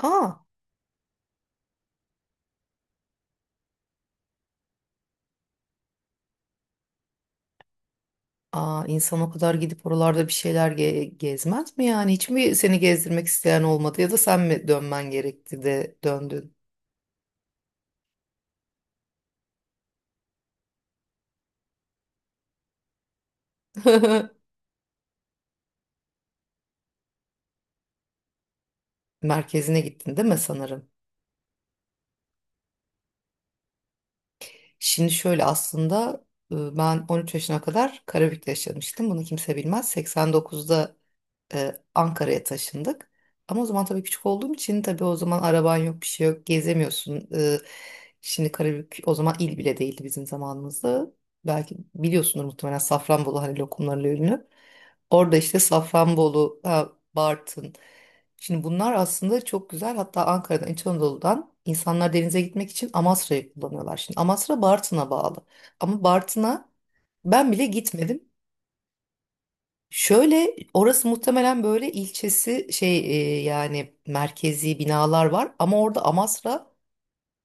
Aa, aa, insan o kadar gidip oralarda bir şeyler gezmez mi yani? Hiç mi seni gezdirmek isteyen olmadı ya da sen mi dönmen gerekti de döndün? Merkezine gittin değil mi sanırım? Şimdi şöyle aslında ben 13 yaşına kadar Karabük'te yaşamıştım. Bunu kimse bilmez. 89'da Ankara'ya taşındık. Ama o zaman tabii küçük olduğum için, tabii o zaman araban yok, bir şey yok, gezemiyorsun. Şimdi Karabük o zaman il bile değildi bizim zamanımızda. Belki biliyorsunuz, muhtemelen Safranbolu hani lokumlarla ünlü. Orada işte Safranbolu, ha, Bartın. Şimdi bunlar aslında çok güzel. Hatta Ankara'dan, İç Anadolu'dan insanlar denize gitmek için Amasra'yı kullanıyorlar. Şimdi Amasra Bartın'a bağlı. Ama Bartın'a ben bile gitmedim. Şöyle, orası muhtemelen böyle ilçesi şey, yani merkezi binalar var, ama orada Amasra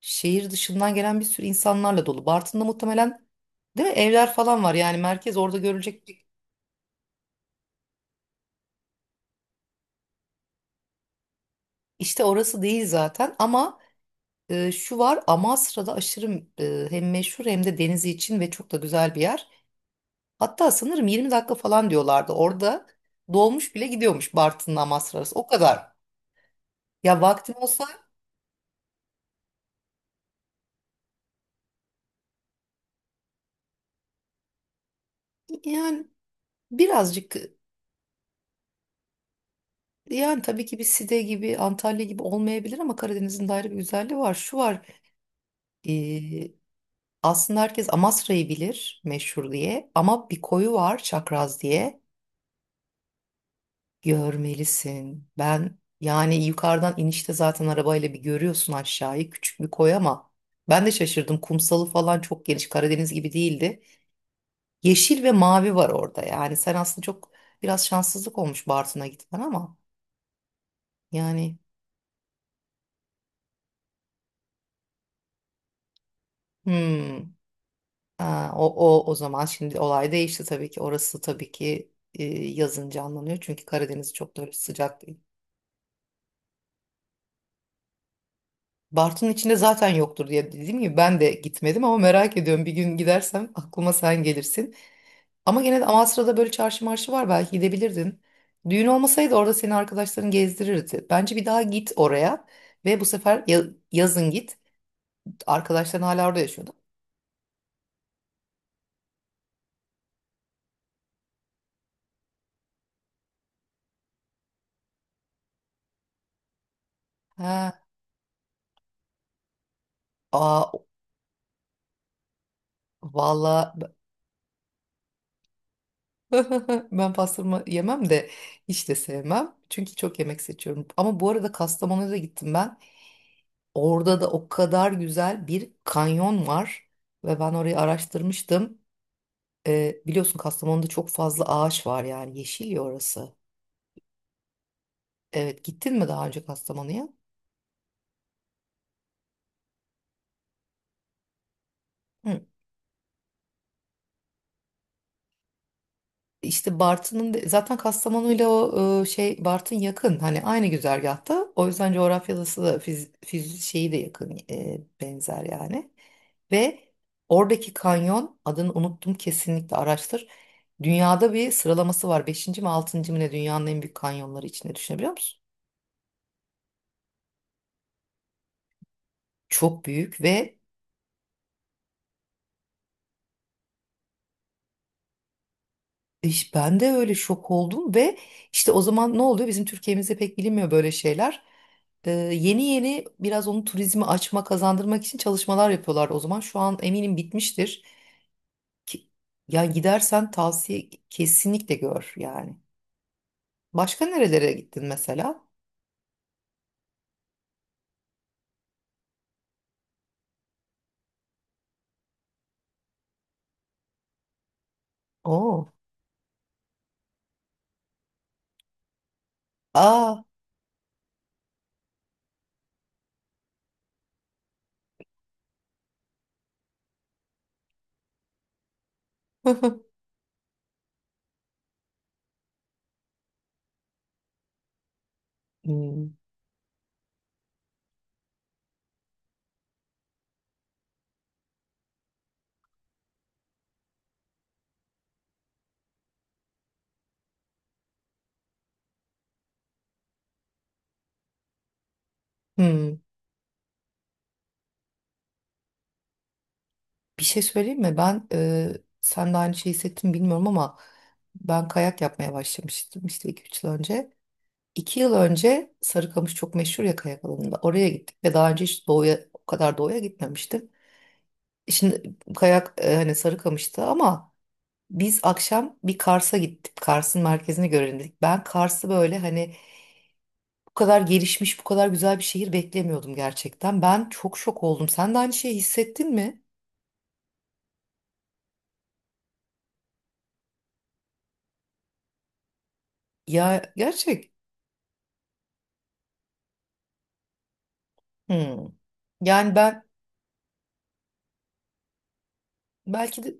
şehir dışından gelen bir sürü insanlarla dolu. Bartın'da muhtemelen, değil mi, evler falan var yani, merkez orada görülecek işte orası değil zaten. Ama şu var, Amasra'da aşırı, hem meşhur hem de denizi için, ve çok da güzel bir yer. Hatta sanırım 20 dakika falan diyorlardı, orada dolmuş bile gidiyormuş Bartın'la Amasra arası, o kadar. Ya vaktim olsa yani, birazcık. Yani tabii ki bir Side gibi, Antalya gibi olmayabilir ama Karadeniz'in de ayrı bir güzelliği var. Şu var, e, aslında herkes Amasra'yı bilir meşhur diye ama bir koyu var, Çakraz diye, görmelisin. Ben yani, yukarıdan inişte zaten arabayla bir görüyorsun aşağıyı, küçük bir koy, ama ben de şaşırdım. Kumsalı falan çok geniş, Karadeniz gibi değildi. Yeşil ve mavi var orada, yani sen aslında çok, biraz şanssızlık olmuş Bartın'a gitmen, ama yani, hmm. Ha, o zaman şimdi olay değişti tabii ki. Orası tabii ki yazın canlanıyor. Çünkü Karadeniz çok da öyle sıcak değil. Bartın içinde zaten yoktur diye, dediğim gibi ben de gitmedim, ama merak ediyorum. Bir gün gidersem aklıma sen gelirsin. Ama gene de Amasra'da böyle çarşı marşı var, belki gidebilirdin. Düğün olmasaydı orada seni arkadaşların gezdirirdi. Bence bir daha git oraya, ve bu sefer yazın git. Arkadaşların hala orada yaşıyordu. Ha, aa, valla. Ben pastırma yemem de hiç de sevmem. Çünkü çok yemek seçiyorum. Ama bu arada Kastamonu'ya da gittim ben. Orada da o kadar güzel bir kanyon var. Ve ben orayı araştırmıştım. Biliyorsun Kastamonu'da çok fazla ağaç var yani. Yeşil ya orası. Evet, gittin mi daha önce Kastamonu'ya? Hı. İşte Bartın'ın zaten Kastamonu'yla o şey, Bartın yakın hani, aynı güzergahta, o yüzden coğrafyası da şeyi de yakın, benzer yani. Ve oradaki kanyon, adını unuttum, kesinlikle araştır. Dünyada bir sıralaması var, beşinci mi altıncı mı ne, dünyanın en büyük kanyonları içinde, düşünebiliyor musun? Çok büyük ve... ben de öyle şok oldum. Ve işte, o zaman ne oluyor? Bizim Türkiye'mizde pek bilinmiyor böyle şeyler. Yeni yeni biraz onu, turizmi açma, kazandırmak için çalışmalar yapıyorlar o zaman. Şu an eminim bitmiştir. Ki, yani gidersen tavsiye, kesinlikle gör yani. Başka nerelere gittin mesela? Oo. Aa. Hmm. Hmm. Bir şey söyleyeyim mi? Ben, sen de aynı şeyi hissettin bilmiyorum ama ben kayak yapmaya başlamıştım işte iki üç yıl önce. 2 yıl önce Sarıkamış çok meşhur ya kayak alanında. Oraya gittik ve daha önce hiç doğuya, o kadar doğuya gitmemiştim. Şimdi kayak, hani Sarıkamış'ta, ama biz akşam bir Kars'a gittik. Kars'ın merkezini görelim dedik. Ben Kars'ı böyle hani bu kadar gelişmiş, bu kadar güzel bir şehir beklemiyordum gerçekten. Ben çok şok oldum. Sen de aynı şeyi hissettin mi? Ya gerçek. Hmm. Yani ben... Belki de,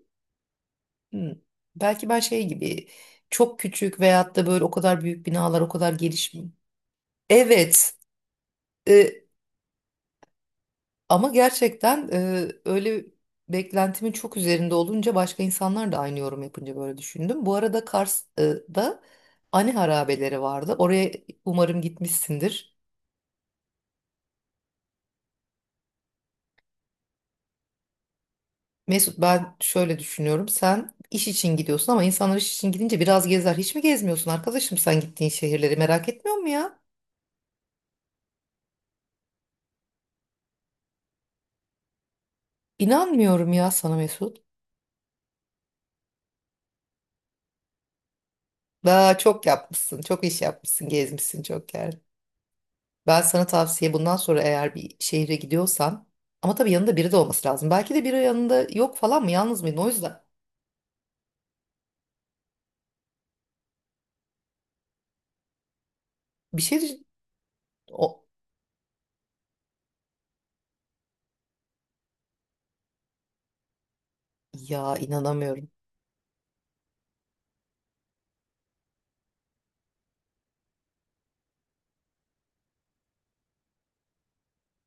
hmm, belki ben şey gibi çok küçük, veyahut da böyle o kadar büyük binalar o kadar gelişmiyor. Evet, e, ama gerçekten öyle, beklentimin çok üzerinde olunca, başka insanlar da aynı yorum yapınca böyle düşündüm. Bu arada Kars'da Ani harabeleri vardı. Oraya umarım gitmişsindir. Mesut, ben şöyle düşünüyorum. Sen iş için gidiyorsun ama insanlar iş için gidince biraz gezer. Hiç mi gezmiyorsun arkadaşım, sen gittiğin şehirleri merak etmiyor mu ya? İnanmıyorum ya sana Mesut. Daha çok yapmışsın, çok iş yapmışsın, gezmişsin çok yer. Ben sana tavsiye, bundan sonra eğer bir şehre gidiyorsan, ama tabii yanında biri de olması lazım. Belki de biri yanında yok falan mı, yalnız mıydın? O yüzden bir şey düş- o ya inanamıyorum.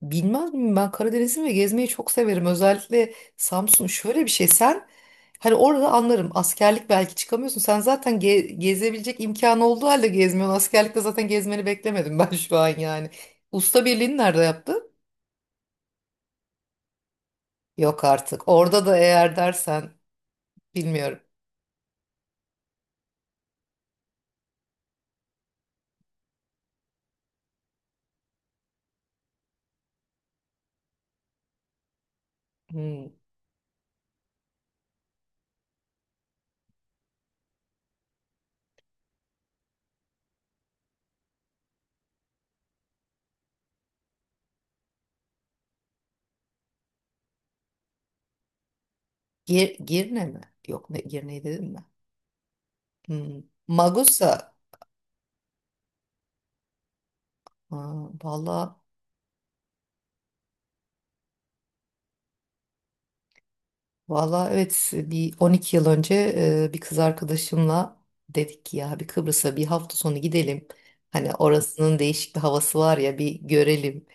Bilmez miyim ben, Karadeniz'im ve gezmeyi çok severim. Özellikle Samsun, şöyle bir şey sen, hani orada anlarım askerlik, belki çıkamıyorsun. Sen zaten gezebilecek imkanı olduğu halde gezmiyorsun. Askerlikte zaten gezmeni beklemedim ben şu an yani. Usta birliğini nerede yaptın? Yok artık. Orada da eğer dersen bilmiyorum. Hmm. Girne mi? Yok, ne Girne'yi dedim mi? Hmm. Magusa. Aa, valla. Valla evet, bir 12 yıl önce, bir kız arkadaşımla dedik ki ya bir Kıbrıs'a bir hafta sonu gidelim. Hani orasının değişik bir havası var ya, bir görelim.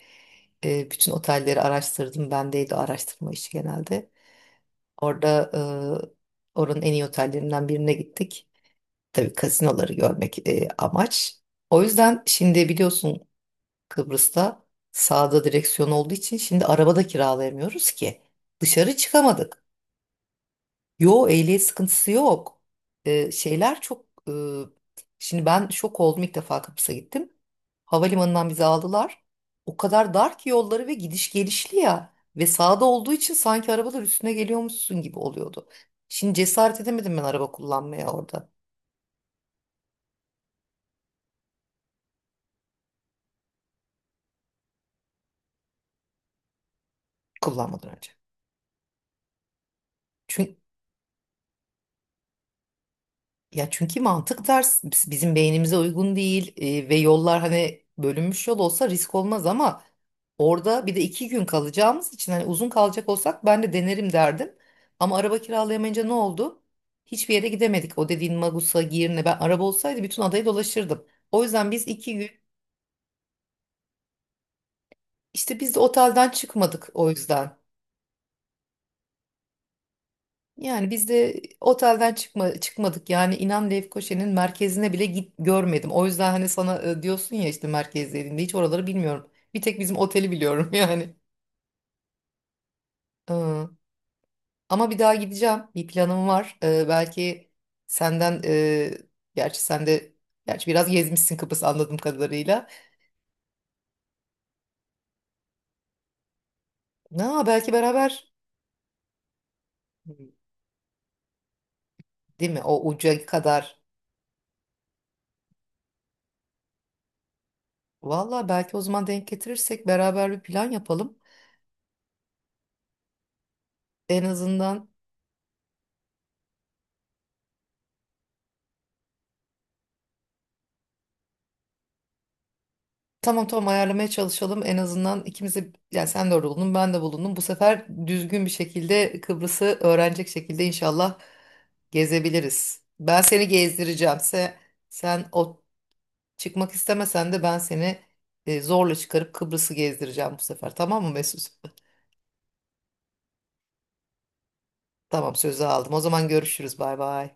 Bütün otelleri araştırdım. Bendeydi o araştırma işi genelde. Orada, oranın en iyi otellerinden birine gittik. Tabii gazinoları görmek, amaç. O yüzden, şimdi biliyorsun, Kıbrıs'ta sağda direksiyon olduğu için şimdi arabada kiralayamıyoruz ki. Dışarı çıkamadık. Yo, ehliyet sıkıntısı yok. Şeyler çok... şimdi ben şok oldum, ilk defa Kıbrıs'a gittim. Havalimanından bizi aldılar. O kadar dar ki yolları, ve gidiş gelişli ya. Ve sağda olduğu için sanki arabalar üstüne geliyormuşsun gibi oluyordu. Şimdi cesaret edemedim ben araba kullanmaya orada. Kullanmadan önce. Çünkü Ya çünkü mantık ters, bizim beynimize uygun değil, ve yollar, hani bölünmüş yol olsa risk olmaz ama, orada bir de iki gün kalacağımız için, hani uzun kalacak olsak ben de denerim derdim. Ama araba kiralayamayınca ne oldu? Hiçbir yere gidemedik. O dediğin Magus'a, Girne, ben araba olsaydı bütün adayı dolaşırdım. O yüzden biz iki gün işte, biz de otelden çıkmadık o yüzden. Yani biz de otelden çıkmadık, yani inan Lefkoşa'nın merkezine bile git görmedim. O yüzden hani sana, diyorsun ya işte merkezlerinde, hiç oraları bilmiyorum. Bir tek bizim oteli biliyorum yani. Ee, Ama bir daha gideceğim. Bir planım var. Belki senden, gerçi sen de, gerçi biraz gezmişsin Kıbrıs anladığım kadarıyla. Na belki beraber, değil mi, o uca kadar. Valla belki o zaman denk getirirsek beraber bir plan yapalım. En azından. Tamam tamam, ayarlamaya çalışalım. En azından ikimiz de, yani sen de orada bulundun, ben de bulundum. Bu sefer düzgün bir şekilde Kıbrıs'ı öğrenecek şekilde inşallah gezebiliriz. Ben seni gezdireceğim. Sen o, çıkmak istemesen de, ben seni zorla çıkarıp Kıbrıs'ı gezdireceğim bu sefer. Tamam mı Mesut? Tamam, sözü aldım. O zaman görüşürüz. Bay bay.